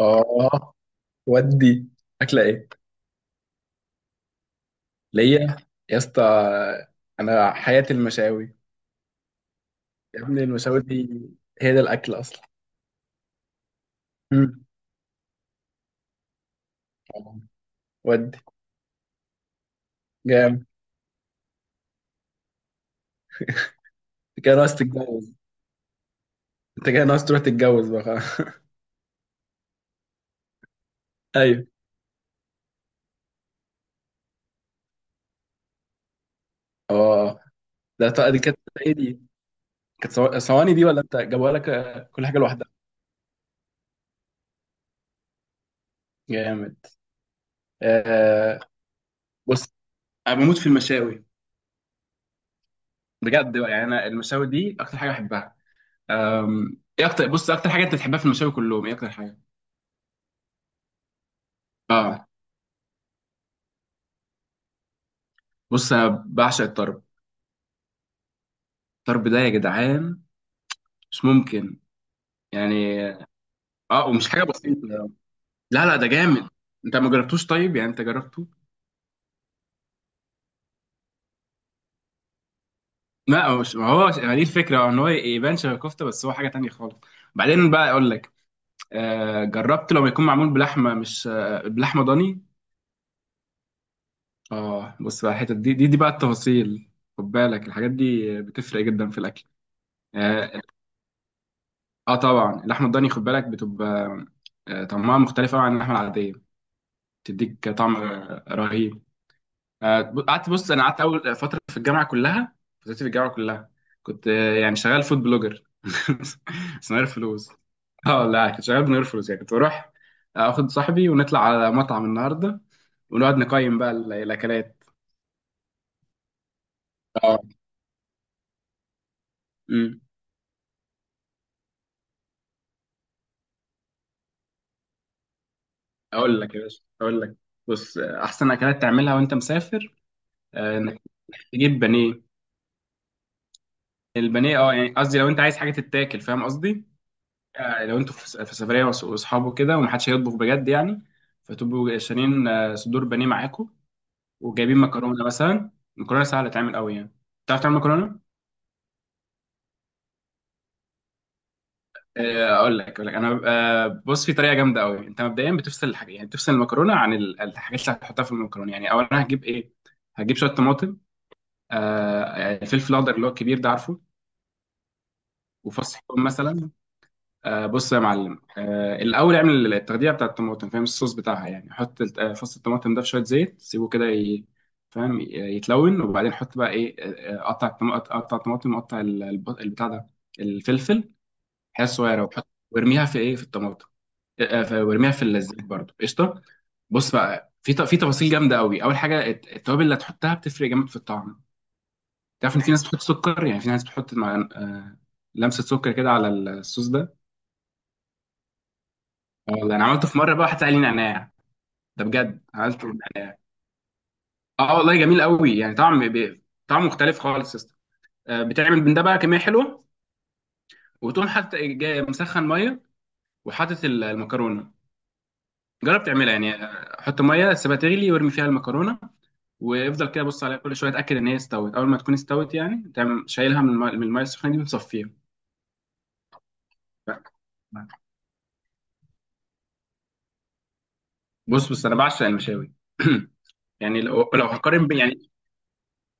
اه ودي اكله ايه ليا يا اسطى. انا حياتي المشاوي، يا ابني المشاوي دي هي ده الاكل اصلا. مم. آه. ودي جامد. انت كده ناقص تتجوز انت كده ناقص تروح تتجوز بقى خلاص. ايوه. اه، دي كانت ايه. دي كانت صواني دي ولا انت جابوها لك؟ كل حاجه لوحدها. جامد. آه بص، انا بموت في المشاوي، بجد بقى، يعني انا المشاوي دي اكتر حاجه بحبها. ايه اكتر، اكتر حاجه انت بتحبها في المشاوي كلهم، ايه اكتر حاجه؟ اه، بص انا بعشق الطرب. الطرب ده يا جدعان مش ممكن، يعني. اه، ومش حاجه بسيطه. لا لا، ده جامد. انت ما جربتوش؟ طيب يعني انت جربته. لا، هو مش، ما هو ما دي الفكره ان هو يبان شبه كفته، بس هو حاجه تانية خالص. بعدين بقى اقول لك. جربت لما يكون معمول بلحمه؟ مش آه بلحمه ضاني. اه، بص بقى، الحته دي بقى التفاصيل. خد بالك، الحاجات دي بتفرق جدا في الاكل. اه, طبعا اللحمه الضاني خد بالك بتبقى، طعمها مختلف قوي عن اللحمه العاديه. تديك طعم رهيب. آه، قعدت بص انا قعدت اول فتره في الجامعه كلها، فترتي في الجامعه كلها كنت، يعني شغال فود بلوجر، بس من غير فلوس. اه لا، كنت شغال من غير فلوس، يعني كنت بروح اخد صاحبي ونطلع على مطعم النهارده ونقعد نقيم بقى الاكلات. اه. امم اقول لك. بص، احسن اكلات تعملها وانت مسافر، انك تجيب بانيه. البانيه، اه يعني قصدي لو انت عايز حاجه تتاكل، فاهم قصدي. يعني لو انتوا في سفرية، واصحابه كده، ومحدش هيطبخ بجد يعني، فتبقوا شارين، صدور بانيه معاكم، وجايبين مكرونة مثلا. مكرونة سهلة تتعمل قوي يعني. تعرف تعمل مكرونة؟ اقول لك انا، بص، في طريقه جامده قوي. انت مبدئيا بتفصل الحاجه، يعني بتفصل المكرونه عن الحاجات اللي هتحطها في المكرونه. يعني اولا هجيب ايه؟ هجيب شويه طماطم، الفلفل الاخضر اللي هو الكبير ده، عارفه، وفص ثوم مثلا. بص يا معلم، الاول اعمل التغذيه بتاعه الطماطم، فاهم الصوص بتاعها. يعني حط فص الطماطم ده في شويه زيت، سيبه كده فاهم، يتلون. وبعدين حط بقى ايه؟ قطع الطماطم، وقطع البتاع ده، الفلفل، حاجات صغيره، وحط وارميها في ايه، في الطماطم. وارميها في الزيت برضه، قشطه. بص بقى، في في تفاصيل جامده قوي. اول حاجه التوابل اللي هتحطها بتفرق جامد في الطعم. تعرف ان في ناس بتحط سكر؟ يعني في ناس بتحط مع، لمسه سكر كده على الصوص ده. اه والله، انا عملته في مره بقى واحد سألني نعناع. ده بجد عملته بنعناع. اه والله، جميل قوي، يعني طعم ب... طعم مختلف خالص يا اسطى. بتعمل من ده بقى كميه حلوه، وتقوم حاطط جاي مسخن ميه، وحاطط المكرونه. جرب تعملها يعني، حط ميه سيبها تغلي وارمي فيها المكرونه، وافضل كده بص عليها كل شويه، اتاكد ان هي استوت، اول ما تكون استوت يعني تعمل، شايلها من الميه، من المية السخنه دي، وتصفيها. بص انا بعشق المشاوي. يعني لو، هقارن بين يعني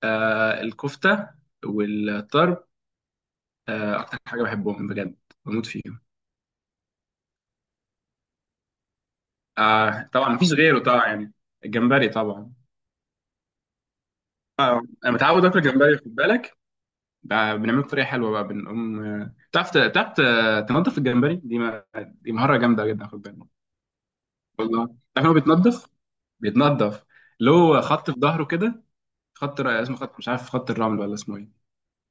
الكفته والطرب، اكتر حاجه بحبهم بجد، بموت فيهم. طبعا مفيش غيره، طبعا يعني، الجمبري طبعا. انا متعود اكل جمبري خد بالك. بقى بنعمله بطريقه حلوه بقى، بنقوم، تعرف، تنضف الجمبري. دي ما... دي مهاره جامده جدا خد بالك. والله تعرف إن هو بيتنضف. بيتنضف له خط في ظهره كده، اسمه خط، مش عارف، خط الرمل ولا اسمه ايه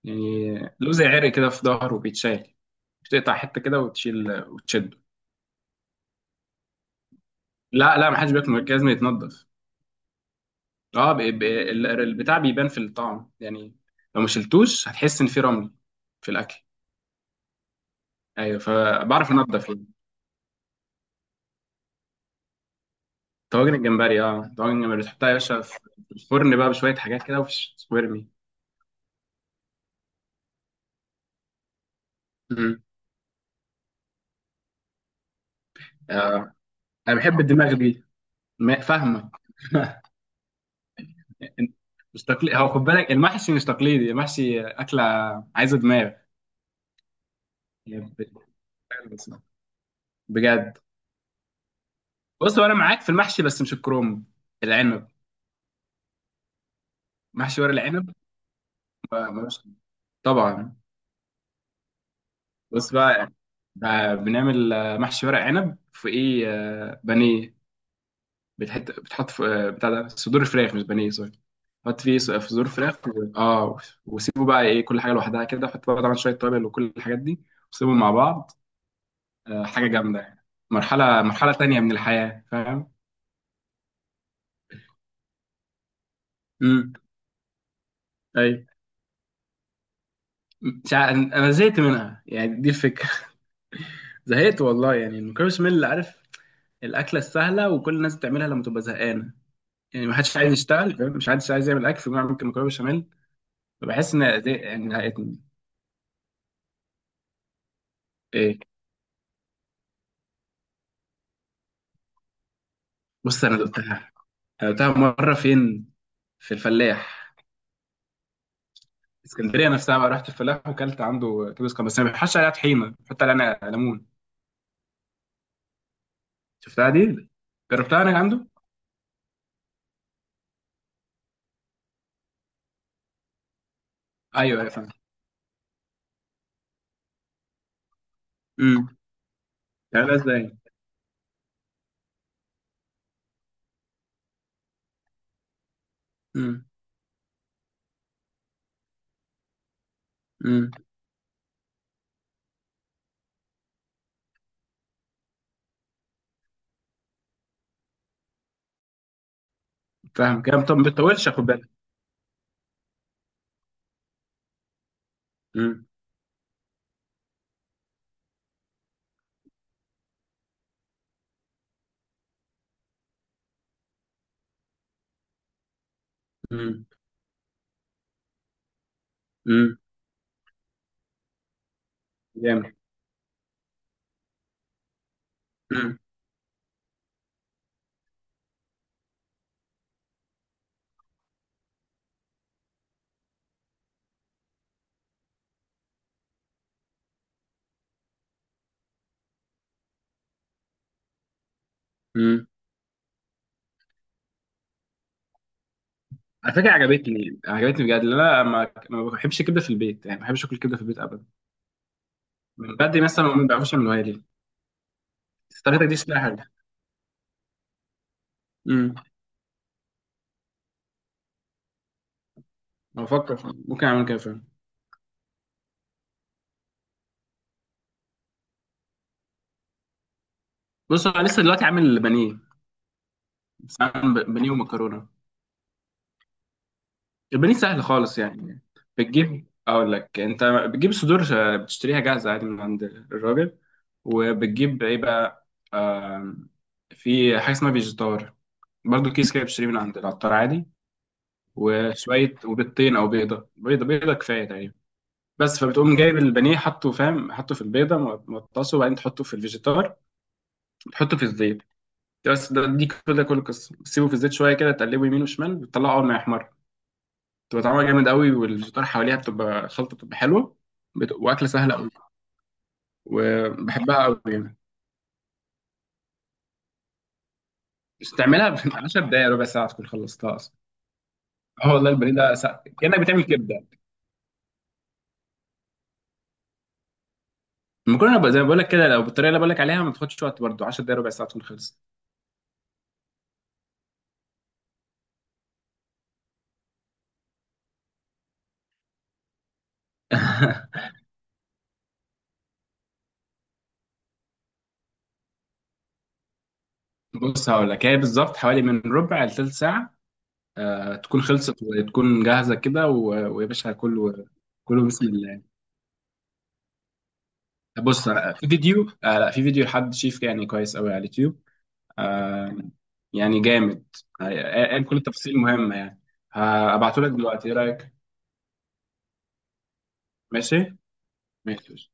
يعني. له زي عرق كده في ظهره بيتشال، بتقطع حته كده وتشيل وتشده. لا لا، ما حدش بياكل من غير، لازم يتنضف. اه، البتاع بيبان في الطعم يعني. لو ما شلتوش هتحس ان في رمل في الاكل. ايوه، فبعرف انضف يعني. طواجن الجمبري، اه، طواجن الجمبري بتحطها يا باشا في الفرن بقى بشويه حاجات كده، وفش وارمي. مم. آه انا بحب الدماغ دي، فاهمك. مش تقليدي، هو خد بالك، المحشي مش تقليدي، المحشي اكله عايزه دماغ يعني. بجد. بص، هو انا معاك في المحشي، بس مش الكروم، العنب، محشي ورق العنب. ما- ملوش- طبعا. بص بقى، بنعمل، محشي ورق عنب في ايه، بانيه. بتحط في، بتاع ده، صدور فراخ، مش بانيه، سوري. حط فيه في صدور فراخ، و... اه، وسيبه بقى. ايه، كل حاجه لوحدها كده، حط بقى طبعا شويه توابل وكل الحاجات دي، وسيبهم مع بعض. حاجه جامده يعني، مرحله مرحله تانية من الحياه فاهم. امم اي. مش ع- انا زهقت منها يعني، دي الفكره. زهقت والله، يعني المكرونه بشاميل عارف، الاكله السهله وكل الناس بتعملها لما تبقى زهقانه، يعني ما حدش عايز يشتغل، فاهم، مش حدش عايز يعمل اكل، فبيقوم يعمل ممكن مكرونه بشاميل. فبحس ان دي يعني هقتني. ايه، بص، انا دقتها مره، فين؟ في الفلاح. اسكندريه نفسها بقى، رحت الفلاح وكلت عنده كبس، كان بس ما بيحطش عليها طحينه، بيحط عليها ليمون. شفتها دي. جربتها انا عنده. ايوه ايوه، فاهم. امم. تعملها ازاي؟ امم. امم. فاهم كده، طب ما بتطولش خد بالك. امم. امم. امم. جامد. امم. على فكره عجبتني، عجبتني بجد، لأن انا ما بحبش الكبده في البيت يعني، ما بحبش اكل الكبده في البيت ابدا، من بدري مثلا ما بعرفش اعملها لي. طريقتك دي شكلها حاجه. امم. بفكر ممكن اعمل كده فعلا. بص، انا لسه دلوقتي عامل بانيه. بس عامل بانيه ومكرونه. البانيه سهل خالص يعني. اقول لك، انت بتجيب صدور، بتشتريها جاهزه عادي من عند الراجل. وبتجيب ايه بقى؟ آم، في حاجه اسمها فيجيتار، برضه كيس كده بتشتريه من عند العطار عادي. وشويه، وبيضتين او بيضه، بيضه كفايه تقريبا بس. فبتقوم جايب البانيه، حطه، فاهم، حطه في البيضه مغطسه، وبعدين تحطه في الفيجيتار، وتحطه في الزيت. بس، ده دي كده كل القصه. تسيبه في الزيت شويه كده، تقلبه يمين وشمال، بتطلعه اول ما يحمر. بتبقى طعمها جامد قوي، والفيجيتار حواليها بتبقى خلطه، بتبقى حلوه. واكله سهله قوي، وبحبها قوي يعني. بس تعملها في 10 دقايق، ربع ساعه تكون خلصتها اصلا. اه والله، البانيه ده سا... كانك بتعمل كبده. المكرونه بقى، زي ما بقول لك كده، لو بالطريقه اللي بقول لك عليها، ما تاخدش وقت برضه، 10 دقايق ربع ساعه تكون خلصت. بص هقول لك، هي بالظبط حوالي من ربع لثلث ساعة، تكون خلصت وتكون جاهزة كده، ويا باشا كله، كله بسم الله. بص، آه، في فيديو آه لا، في فيديو لحد شيف يعني كويس قوي على اليوتيوب. آه، يعني جامد. آه، قال كل التفاصيل مهمة يعني. هبعته لك دلوقتي، ايه رأيك؟ ماشي؟ ماشي.